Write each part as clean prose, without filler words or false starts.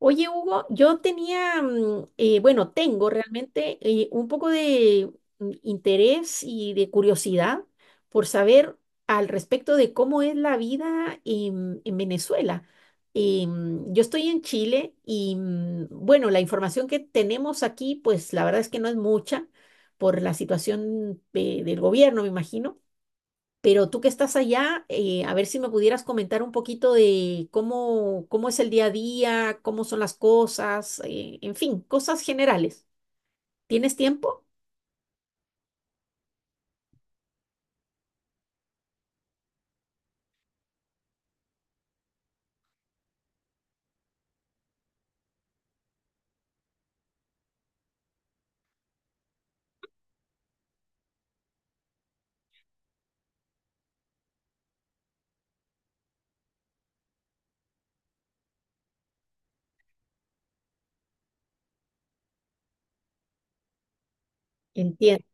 Oye, Hugo, yo tenía, bueno, tengo realmente un poco de interés y de curiosidad por saber al respecto de cómo es la vida en Venezuela. Yo estoy en Chile y, bueno, la información que tenemos aquí, pues la verdad es que no es mucha por la situación del gobierno, me imagino. Pero tú que estás allá, a ver si me pudieras comentar un poquito de cómo es el día a día, cómo son las cosas, en fin, cosas generales. ¿Tienes tiempo? Entiendo,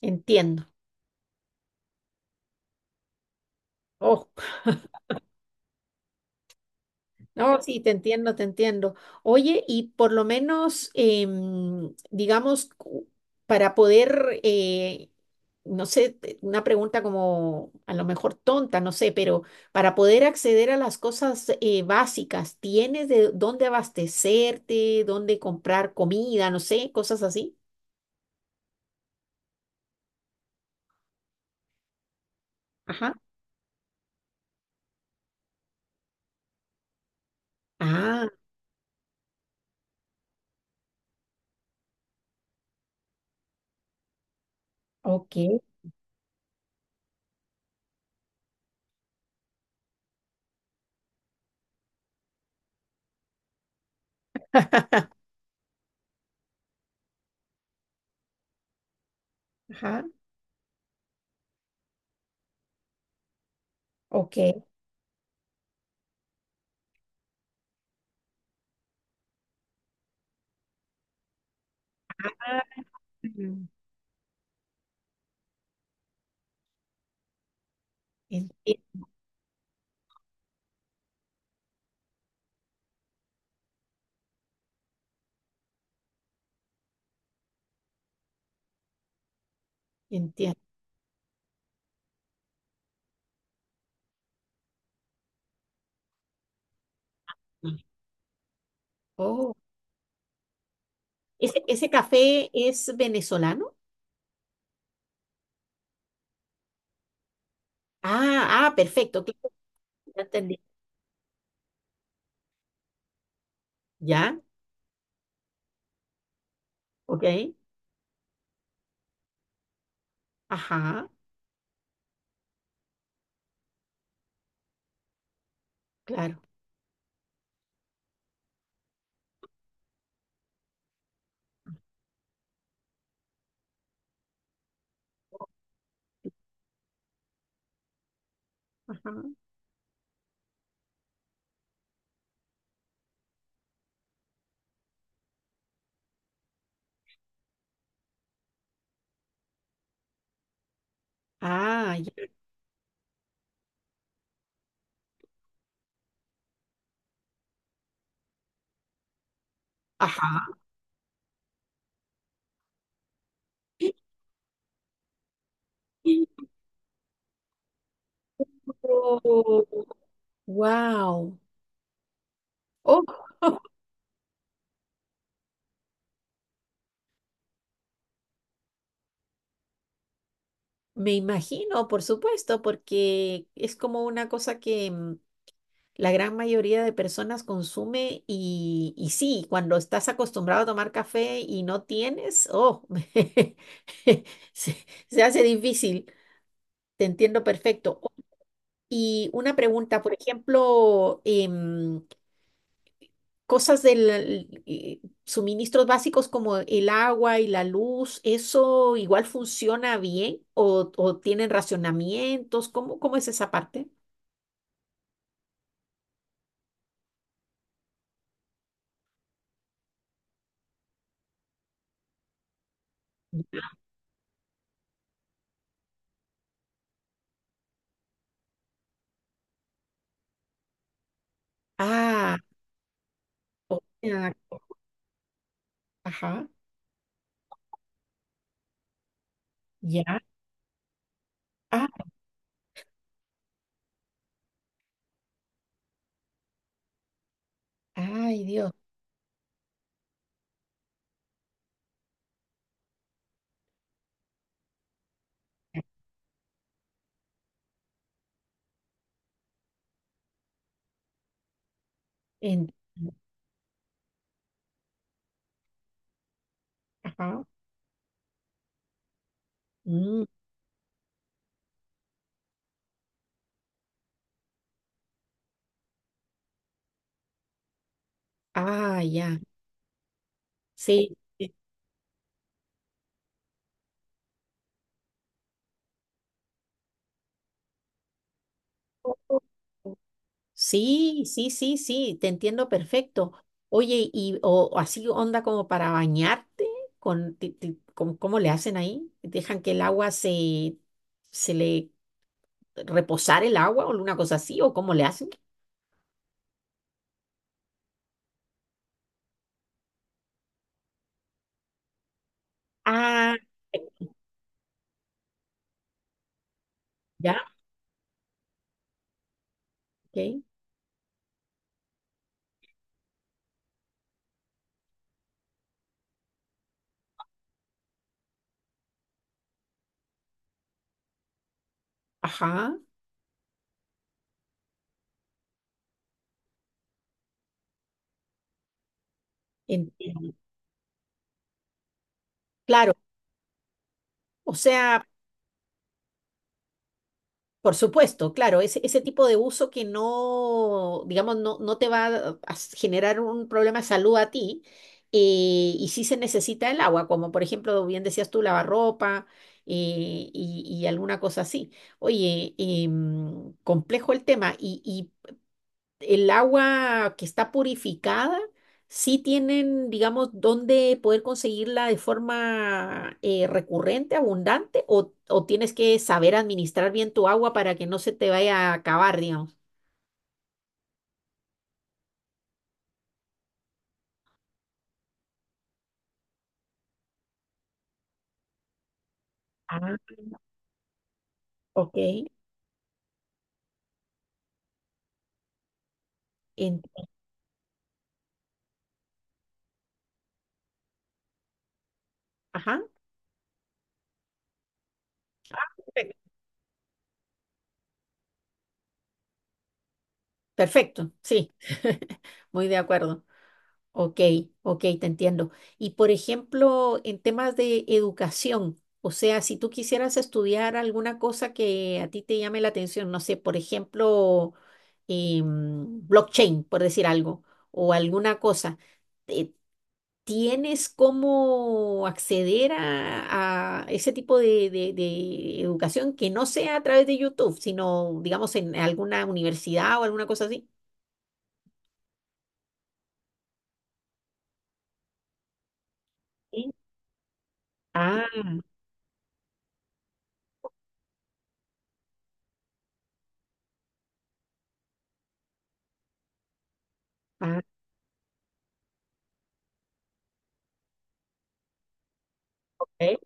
entiendo. Oh. No, sí, te entiendo, te entiendo. Oye, y por lo menos, digamos, para poder, no sé, una pregunta como a lo mejor tonta, no sé, pero para poder acceder a las cosas básicas, ¿tienes de dónde abastecerte, dónde comprar comida, no sé, cosas así? Ajá. Ah, ok. Ajá, ok. Entiendo, entiendo. Oh, ese café es venezolano? Ah, ah, perfecto, claro, ya entendí. Ya, ok. Ajá, claro. Ajá. Ah, ya. Ajá. Wow. Oh, me imagino, por supuesto, porque es como una cosa que la gran mayoría de personas consume y sí, cuando estás acostumbrado a tomar café y no tienes, oh, se, se hace difícil. Te entiendo perfecto. Y una pregunta, por ejemplo, cosas del suministros básicos como el agua y la luz, ¿eso igual funciona bien o tienen racionamientos? ¿Cómo es esa parte? Ah, o sea, ajá, ya. Ah, ay, Dios. En- ajá. Mm, ah, ya. Sí. Sí. Sí, sí, sí, sí, te entiendo perfecto. Oye, y o así onda como para bañarte, con, ti- ti- con- ¿Cómo le hacen ahí? ¿Dejan que el agua se le reposar el agua o una cosa así? ¿O cómo le hacen? Ah, ya, ok. Ajá, entiendo. Claro, o sea. Por supuesto, claro, ese tipo de uso que no, digamos, no te va a generar un problema de salud a ti, y sí se necesita el agua, como por ejemplo, bien decías tú, lavarropa y alguna cosa así. Oye, complejo el tema. Y el agua que está purificada, ¿sí tienen, digamos, dónde poder conseguirla de forma recurrente, abundante, o tienes que saber administrar bien tu agua para que no se te vaya a acabar, digamos? Ah, ok. Ent- Ajá. Perfecto, perfecto, sí, muy de acuerdo. Ok, ok, te entiendo. Y por ejemplo, en temas de educación, o sea, si tú quisieras estudiar alguna cosa que a ti te llame la atención, no sé, por ejemplo, blockchain, por decir algo, o alguna cosa, eh, ¿tienes cómo acceder a ese tipo de educación que no sea a través de YouTube, sino, digamos, en alguna universidad o alguna cosa así? Sí. Ah, ah, ok,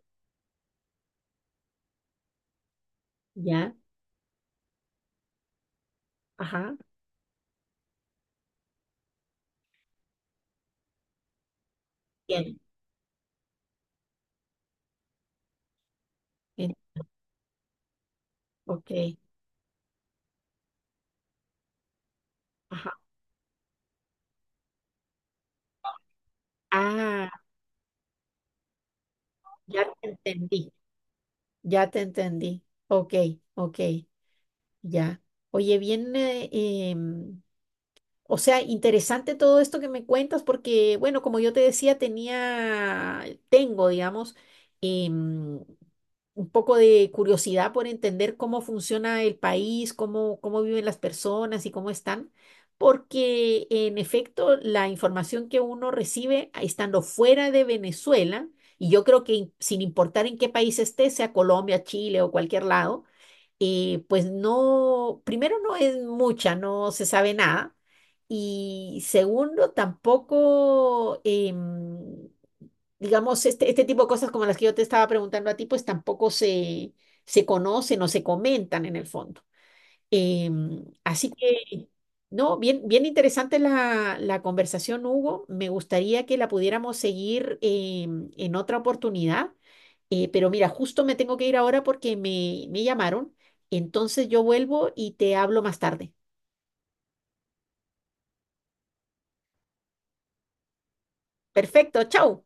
ya, ajá. Bien, bien, ok, ajá. Ah, ya te entendí, ya te entendí. Ok, ok, ya. Oye, bien, o sea, interesante todo esto que me cuentas porque, bueno, como yo te decía, tenía, tengo, digamos, em, un poco de curiosidad por entender cómo funciona el país, cómo viven las personas y cómo están, porque en efecto la información que uno recibe estando fuera de Venezuela, y yo creo que sin importar en qué país esté, sea Colombia, Chile o cualquier lado, pues no, primero no es mucha, no se sabe nada. Y segundo, tampoco, digamos, este tipo de cosas como las que yo te estaba preguntando a ti, pues tampoco se conocen o se comentan en el fondo. Así que, no, bien, bien interesante la conversación, Hugo. Me gustaría que la pudiéramos seguir en otra oportunidad. Pero mira, justo me tengo que ir ahora porque me llamaron. Entonces yo vuelvo y te hablo más tarde. Perfecto, chao.